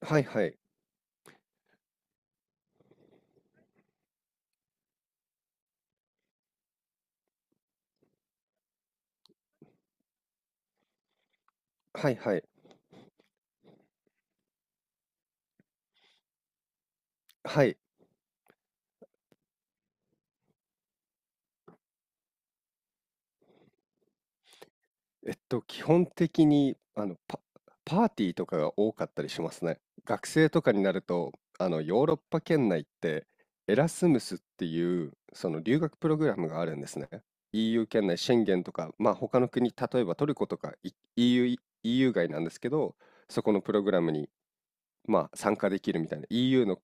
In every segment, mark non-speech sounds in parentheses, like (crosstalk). はいはい。はいはい。はい。基本的に、パーティーとかが多かったりしますね。学生とかになると、ヨーロッパ圏内って、エラスムスっていう、その留学プログラムがあるんですね。EU 圏内、シェンゲンとか、まあ他の国、例えばトルコとか EU、EU 外なんですけど、そこのプログラムに、まあ、参加できるみたいな、EU の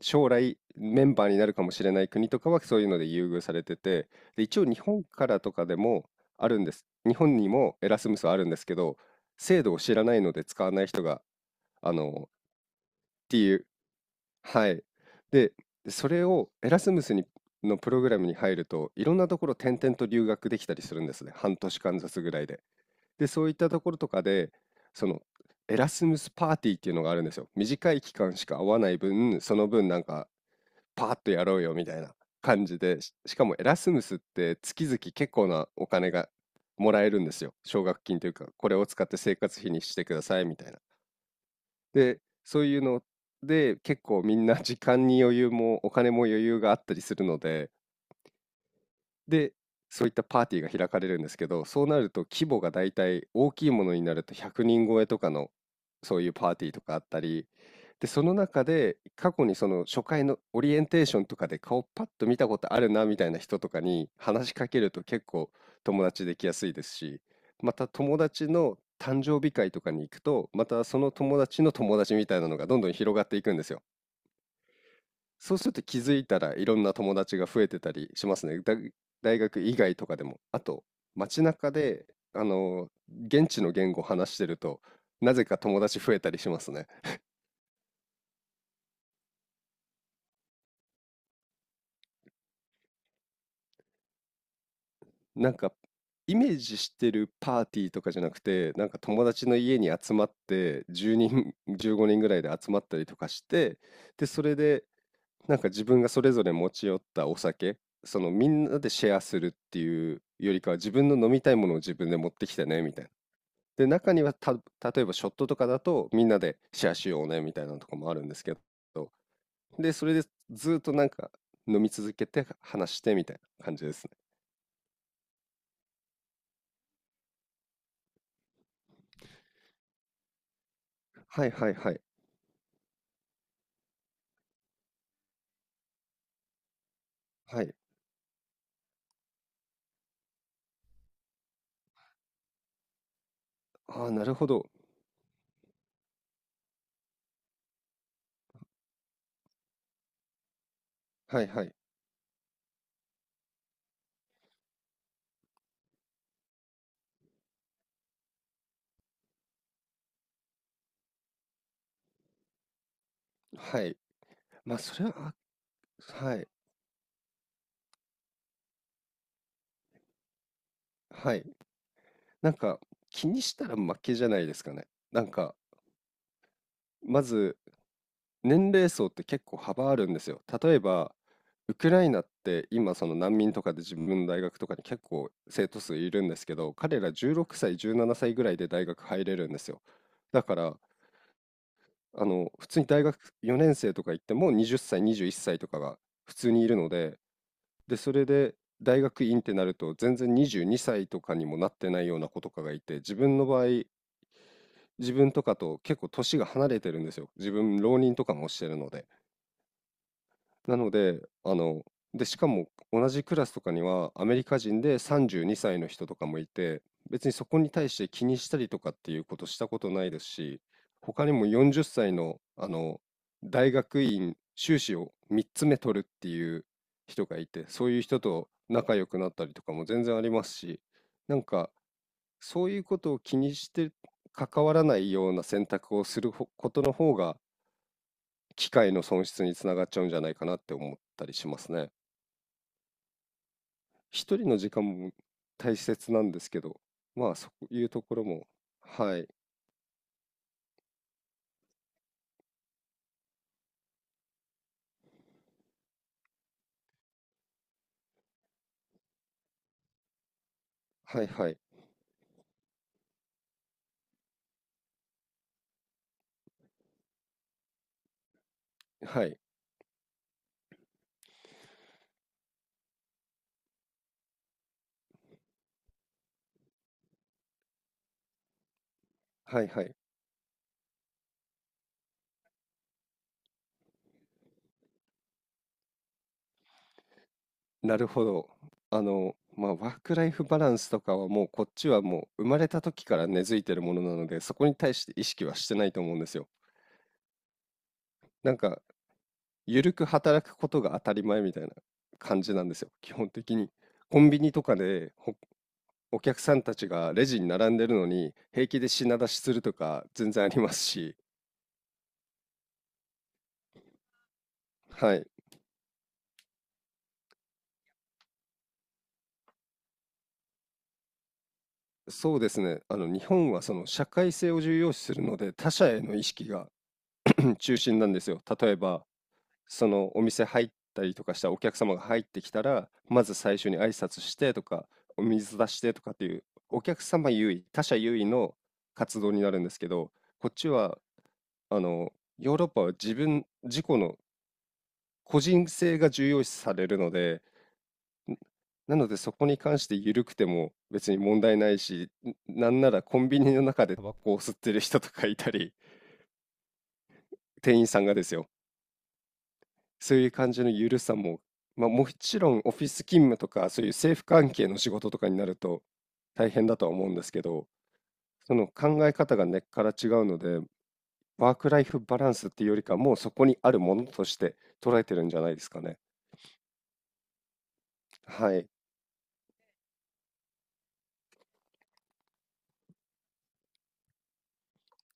将来メンバーになるかもしれない国とかはそういうので優遇されてて、で、一応日本からとかでもあるんです。日本にもエラスムスはあるんですけど、制度を知らないので使わない人が、あの、っていう、はい。で、それをエラスムスにのプログラムに入ると、いろんなところ転々と留学できたりするんですね。半年間ずつぐらいで。で、そういったところとかで、その、エラスムスパーティーっていうのがあるんですよ。短い期間しか会わない分、その分なんかパーッとやろうよみたいな感じで、しかもエラスムスって月々結構なお金がもらえるんですよ。奨学金というか、これを使って生活費にしてくださいみたいな。で、そういうので結構みんな時間に余裕もお金も余裕があったりするので、で、そういったパーティーが開かれるんですけど、そうなると規模がだいたい大きいものになると100人超えとかのそういうパーティーとかあったり、で、その中で過去にその初回のオリエンテーションとかで顔パッと見たことあるなみたいな人とかに話しかけると結構友達できやすいですし、また友達の誕生日会とかに行くと、またその友達の友達みたいなのがどんどん広がっていくんですよ。そうすると気づいたらいろんな友達が増えてたりしますね。大学以外とかでも。あと、街中で、あの、現地の言語を話してると、なぜか友達増えたりしますね。なんか、イメージしてるパーティーとかじゃなくて、なんか友達の家に集まって、10人、(laughs) 15人ぐらいで集まったりとかして、で、それで、なんか自分がそれぞれ持ち寄ったお酒、そのみんなでシェアするっていうよりかは、自分の飲みたいものを自分で持ってきてね、みたいな。で、中には、例えばショットとかだと、みんなでシェアしようねみたいなとこもあるんですけど、で、それでずっとなんか飲み続けて話してみたいな感じですね。はいはいはい。はい。ああ、なるほど。はいはい。はい。まあ、それは、あ、はい、はい。なんか、気にしたら負けじゃないですかね。なんか、まず年齢層って結構幅あるんですよ。例えば、ウクライナって今その難民とかで自分の大学とかに結構生徒数いるんですけど、彼ら16歳、17歳ぐらいで大学入れるんですよ。だから、普通に大学4年生とか行っても20歳、21歳とかが普通にいるので、で、それで大学院ってなると全然22歳とかにもなってないような子とかがいて、自分の場合、自分とかと結構年が離れてるんですよ。自分浪人とかもしてるので。なので、で、しかも同じクラスとかにはアメリカ人で32歳の人とかもいて、別にそこに対して気にしたりとかっていうことしたことないですし、他にも40歳の、大学院修士を3つ目取るっていう人がいて、そういう人と仲良くなったりとかも全然ありますし、なんかそういうことを気にして関わらないような選択をすることの方が機会の損失につながっちゃうんじゃないかなって思ったりしますね。一人の時間も大切なんですけど、まあそういうところも、はい。はいはい。はい。はいはい。なるほど。まあワークライフバランスとかはもうこっちはもう生まれた時から根付いてるものなので、そこに対して意識はしてないと思うんですよ。なんか、ゆるく働くことが当たり前みたいな感じなんですよ、基本的に。コンビニとかでお客さんたちがレジに並んでるのに平気で品出しするとか全然ありますし、はい、そうですね。日本はその社会性を重要視するので他者への意識がうん中心なんですよ。例えばそのお店入ったりとかしたらお客様が入ってきたらまず最初に挨拶してとかお水出してとかっていうお客様優位他者優位の活動になるんですけど、こっちはあのヨーロッパは自己の個人性が重要視されるので、んなのでそこに関して緩くても別に問題ないし、なんならコンビニの中でタバコを吸ってる人とかいたり、(laughs) 店員さんがですよ。そういう感じの緩さも、まあ、もちろんオフィス勤務とかそういう政府関係の仕事とかになると大変だとは思うんですけど、その考え方が根っから違うので、ワークライフバランスっていうよりかもうそこにあるものとして捉えてるんじゃないですかね。はい。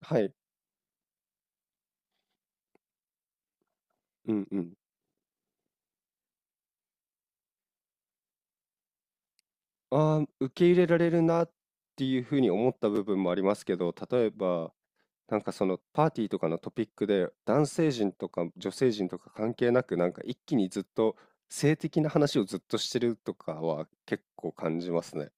はい。うんうん。ああ、受け入れられるなっていうふうに思った部分もありますけど、例えば、なんかそのパーティーとかのトピックで、男性陣とか女性陣とか関係なく、なんか一気にずっと性的な話をずっとしてるとかは結構感じますね。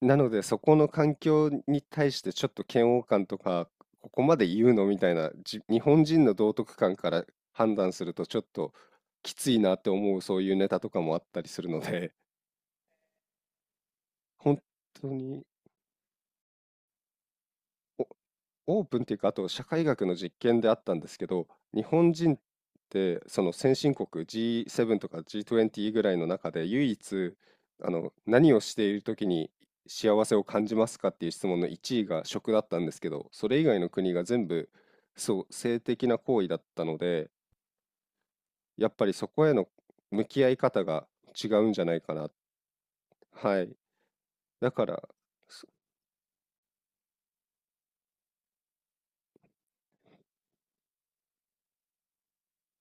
なので、そこの環境に対してちょっと嫌悪感とか、ここまで言うのみたいな、日本人の道徳観から判断するとちょっときついなって思うそういうネタとかもあったりするので、本当に。オープンっていうか、あと社会学の実験であったんですけど、日本人ってその先進国 G7 とか G20 ぐらいの中で唯一何をしている時に幸せを感じますかっていう質問の1位が食だったんですけど、それ以外の国が全部そう性的な行為だったので、やっぱりそこへの向き合い方が違うんじゃないかな。はい。だから、そ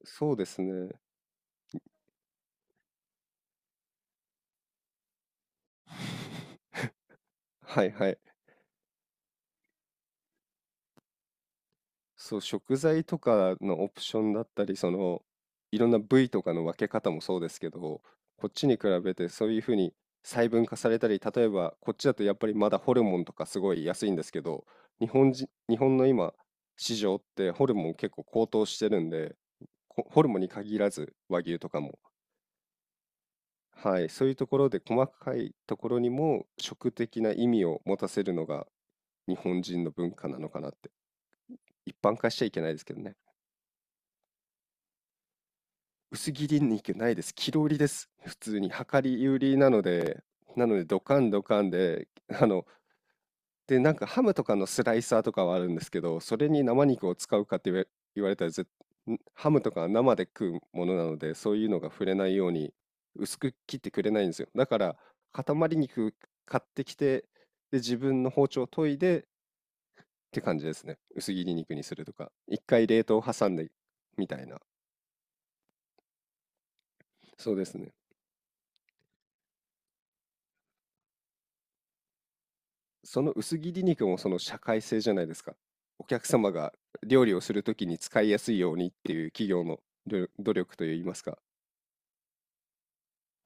そうですね。はいはい。そう、食材とかのオプションだったり、いろんな部位とかの分け方もそうですけど、こっちに比べてそういうふうに細分化されたり、例えばこっちだとやっぱりまだホルモンとかすごい安いんですけど、日本の今、市場ってホルモン結構高騰してるんで、ホルモンに限らず和牛とかも、はい、そういうところで細かいところにも食的な意味を持たせるのが日本人の文化なのかなって、一般化しちゃいけないですけどね。薄切り肉ないです。切り売りです。普通に量り売りなので、なのでドカンドカンで、で、なんかハムとかのスライサーとかはあるんですけど、それに生肉を使うかって言われたら、ハムとかは生で食うものなので、そういうのが触れないように薄く切ってくれないんですよ。だから、塊肉買ってきて、で、自分の包丁研いでって感じですね。薄切り肉にするとか。一回冷凍挟んでみたいな。そうですね。その薄切り肉もその社会性じゃないですか。お客様が料理をするときに使いやすいようにっていう企業の努力といいますか。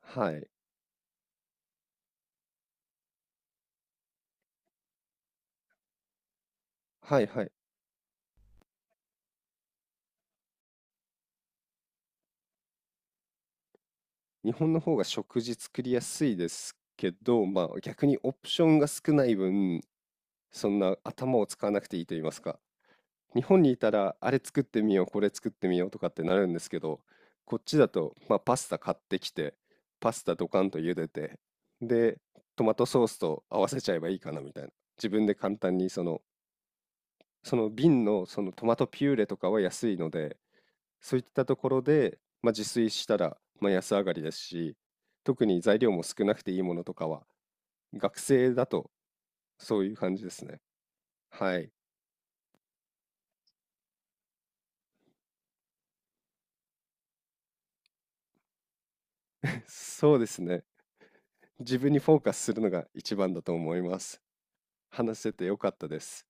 はい。はいはい。日本の方が食事作りやすいですけど、まあ逆にオプションが少ない分、そんな頭を使わなくていいと言いますか。日本にいたらあれ作ってみようこれ作ってみようとかってなるんですけど、こっちだと、まあ、パスタ買ってきてパスタドカンと茹でて、でトマトソースと合わせちゃえばいいかなみたいな、自分で簡単にその瓶のそのトマトピューレとかは安いので、そういったところで、まあ、自炊したら、まあ、安上がりですし、特に材料も少なくていいものとかは学生だとそういう感じですね。はい。 (laughs) そうですね。自分にフォーカスするのが一番だと思います。話せてよかったです。